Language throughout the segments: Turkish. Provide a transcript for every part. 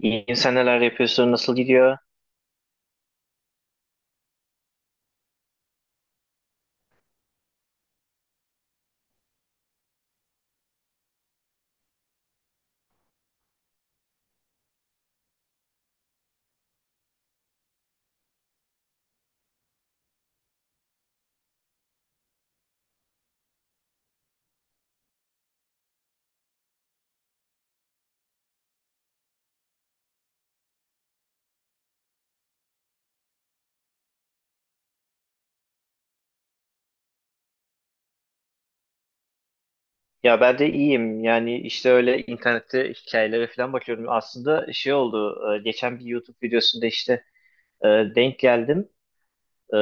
İyiyim, sen neler yapıyorsun, nasıl gidiyor? Ya ben de iyiyim, yani işte öyle internette hikayelere falan bakıyorum. Aslında şey oldu, geçen bir YouTube videosunda işte e, denk geldim. E,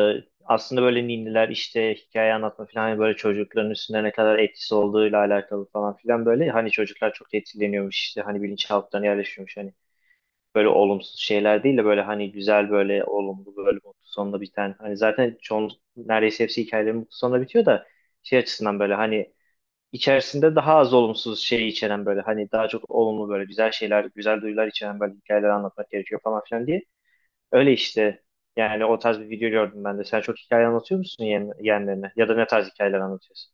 Aslında böyle ninniler işte hikaye anlatma falan, hani böyle çocukların üstünde ne kadar etkisi olduğuyla alakalı falan filan böyle. Hani çocuklar çok etkileniyormuş, işte hani bilinçaltlarına yerleşiyormuş, hani böyle olumsuz şeyler değil de böyle hani güzel, böyle olumlu, böyle mutlu sonla biten. Hani zaten çoğun neredeyse hepsi hikayelerin mutlu sonla bitiyor da şey açısından böyle hani içerisinde daha az olumsuz şey içeren, böyle hani daha çok olumlu, böyle güzel şeyler, güzel duyular içeren böyle hikayeler anlatmak gerekiyor falan filan diye. Öyle işte, yani o tarz bir video gördüm ben de. Sen çok hikaye anlatıyor musun yeğen, yeğenlerine? Ya da ne tarz hikayeler anlatıyorsun?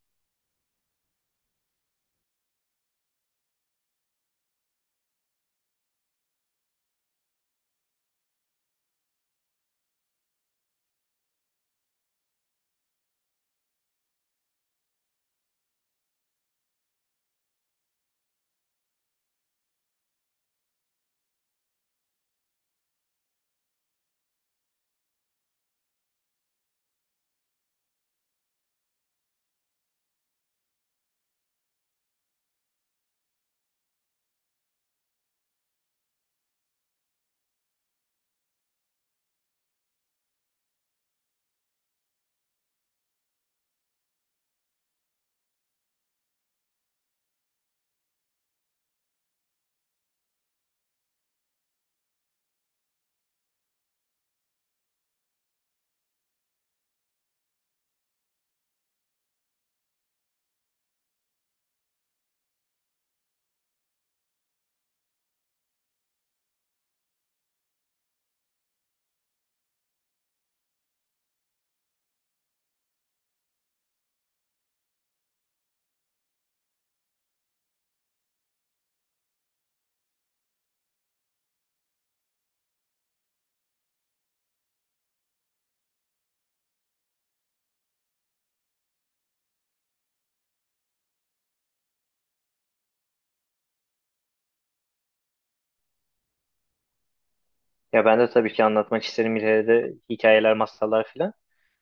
Ya ben de tabii ki anlatmak isterim ileride de hikayeler, masallar filan.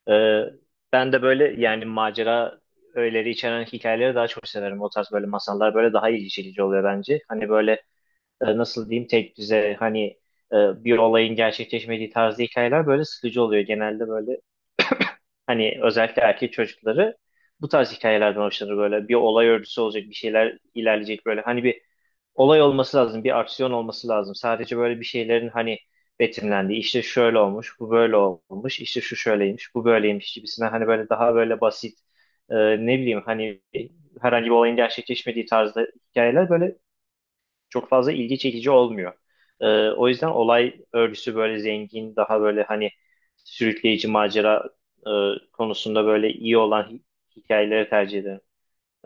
Ee, Ben de böyle yani macera öğeleri içeren hikayeleri daha çok severim. O tarz böyle masallar böyle daha ilgi çekici oluyor bence. Hani böyle nasıl diyeyim tek düze, hani e, bir olayın gerçekleşmediği tarzda hikayeler böyle sıkıcı oluyor. Genelde böyle hani özellikle erkek çocukları bu tarz hikayelerden hoşlanır. Böyle bir olay örgüsü olacak, bir şeyler ilerleyecek, böyle hani bir olay olması lazım, bir aksiyon olması lazım. Sadece böyle bir şeylerin hani betimlendiği, işte şöyle olmuş, bu böyle olmuş, işte şu şöyleymiş, bu böyleymiş gibisinden, hani böyle daha böyle basit, e, ne bileyim, hani herhangi bir olayın gerçekleşmediği tarzda hikayeler böyle çok fazla ilgi çekici olmuyor. O yüzden olay örgüsü böyle zengin, daha böyle hani sürükleyici, macera e, konusunda böyle iyi olan hikayeleri tercih ederim.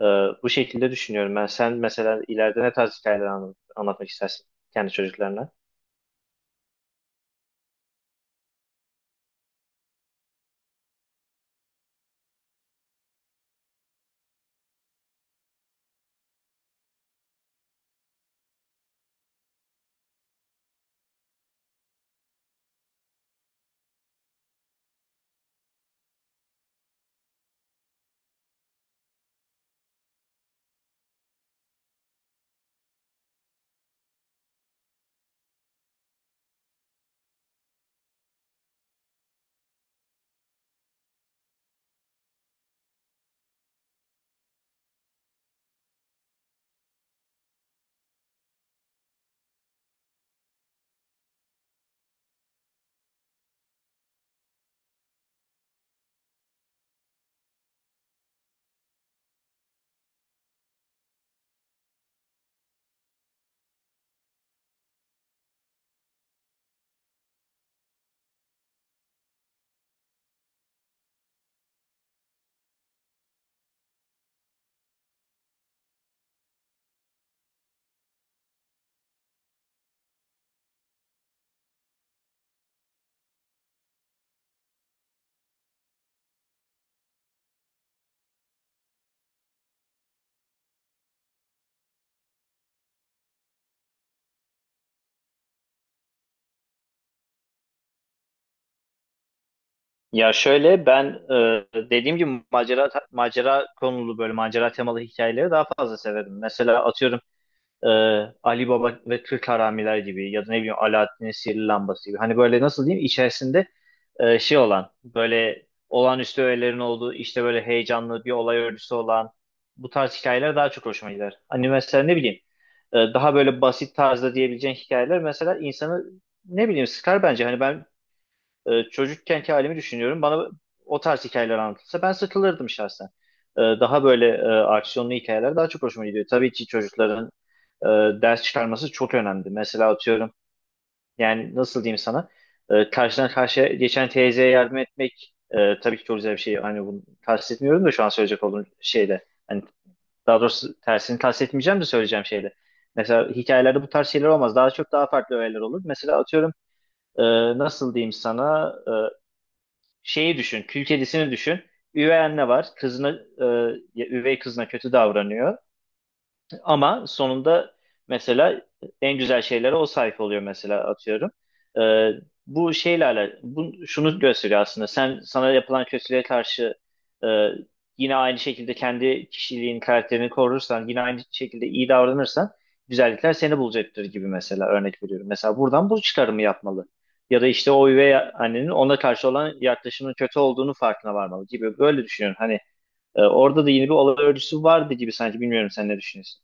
Ee, Bu şekilde düşünüyorum ben. Sen mesela ileride ne tarz hikayeler anlatmak istersin kendi çocuklarına? Ya şöyle ben, e, dediğim gibi macera konulu, böyle macera temalı hikayeleri daha fazla severim. Mesela atıyorum e, Ali Baba ve Türk Haramiler gibi, ya da ne bileyim Alaaddin'in Sihirli Lambası gibi. Hani böyle nasıl diyeyim, içerisinde şey olan, böyle olağanüstü öğelerin olduğu, işte böyle heyecanlı bir olay örgüsü olan bu tarz hikayeler daha çok hoşuma gider. Hani mesela ne bileyim, daha böyle basit tarzda diyebileceğin hikayeler mesela insanı ne bileyim sıkar bence. Hani ben, çocukkenki halimi düşünüyorum. Bana o tarz hikayeler anlatılsa ben sıkılırdım şahsen. Daha böyle aksiyonlu hikayeler daha çok hoşuma gidiyor. Tabii ki çocukların e, ders çıkarması çok önemli. Mesela atıyorum, yani nasıl diyeyim sana, karşıdan karşıya geçen teyzeye yardım etmek tabii ki çok güzel bir şey. Hani bunu kastetmiyorum da şu an söyleyecek olduğum şeyde. Hani daha doğrusu tersini kastetmeyeceğim de söyleyeceğim şeyde. Mesela hikayelerde bu tarz şeyler olmaz. Daha çok daha farklı öğeler olur. Mesela atıyorum e, nasıl diyeyim sana, şeyi düşün, kül kedisini düşün. Üvey anne var, kızına, e, ya üvey kızına kötü davranıyor. Ama sonunda mesela en güzel şeylere o sahip oluyor, mesela atıyorum. Ee, Bu bu şunu gösteriyor aslında. Sen sana yapılan kötülüğe karşı e, yine aynı şekilde kendi kişiliğin, karakterini korursan, yine aynı şekilde iyi davranırsan güzellikler seni bulacaktır gibi, mesela örnek veriyorum. Mesela buradan bu çıkarımı yapmalı. Ya da işte o üvey annenin ona karşı olan yaklaşımının kötü olduğunu farkına varmalı gibi. Böyle düşünüyorum. Hani orada da yine bir olay örgüsü vardı gibi sanki. Bilmiyorum, sen ne düşünüyorsun?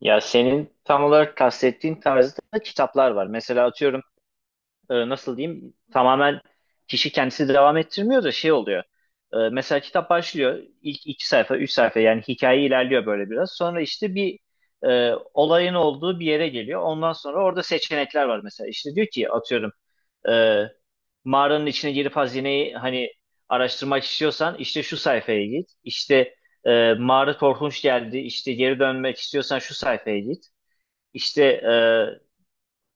Ya senin tam olarak kastettiğin tarzda da kitaplar var. Mesela atıyorum nasıl diyeyim, tamamen kişi kendisi devam ettirmiyor da şey oluyor. Mesela kitap başlıyor, ilk iki sayfa üç sayfa yani hikaye ilerliyor böyle biraz. Sonra işte bir olayın olduğu bir yere geliyor. Ondan sonra orada seçenekler var mesela. İşte diyor ki atıyorum, e, mağaranın içine girip hazineyi hani araştırmak istiyorsan işte şu sayfaya git. İşte mağara korkunç geldi, işte geri dönmek istiyorsan şu sayfaya git. İşte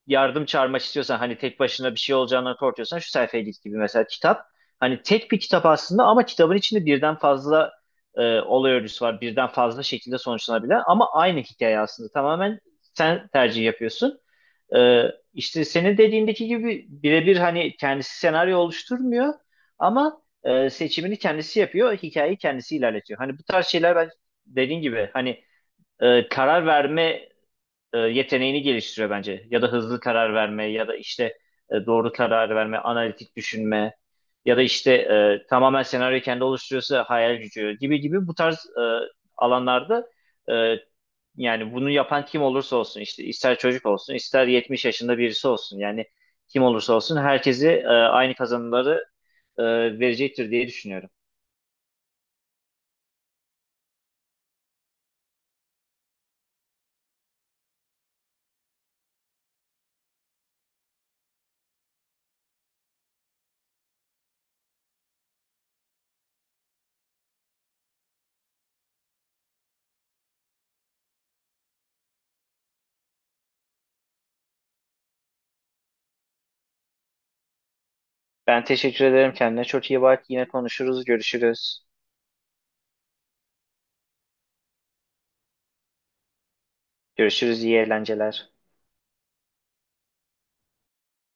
yardım çağırmak istiyorsan, hani tek başına bir şey olacağını korkuyorsan şu sayfaya git gibi, mesela kitap. Hani tek bir kitap aslında ama kitabın içinde birden fazla olay örgüsü var. Birden fazla şekilde sonuçlanabilen ama aynı hikaye aslında. Tamamen sen tercih yapıyorsun. E, işte senin dediğindeki gibi birebir hani kendisi senaryo oluşturmuyor ama seçimini kendisi yapıyor. Hikayeyi kendisi ilerletiyor. Hani bu tarz şeyler ben dediğin gibi hani karar verme yeteneğini geliştiriyor bence. Ya da hızlı karar verme, ya da işte doğru karar verme, analitik düşünme, ya da işte tamamen senaryoyu kendi oluşturuyorsa hayal gücü gibi gibi, bu tarz alanlarda e, yani bunu yapan kim olursa olsun, işte ister çocuk olsun ister 70 yaşında birisi olsun, yani kim olursa olsun herkesi aynı kazanımları e, verecektir diye düşünüyorum. Ben teşekkür ederim kendine. Çok iyi bak. Yine konuşuruz, görüşürüz. Görüşürüz, iyi eğlenceler.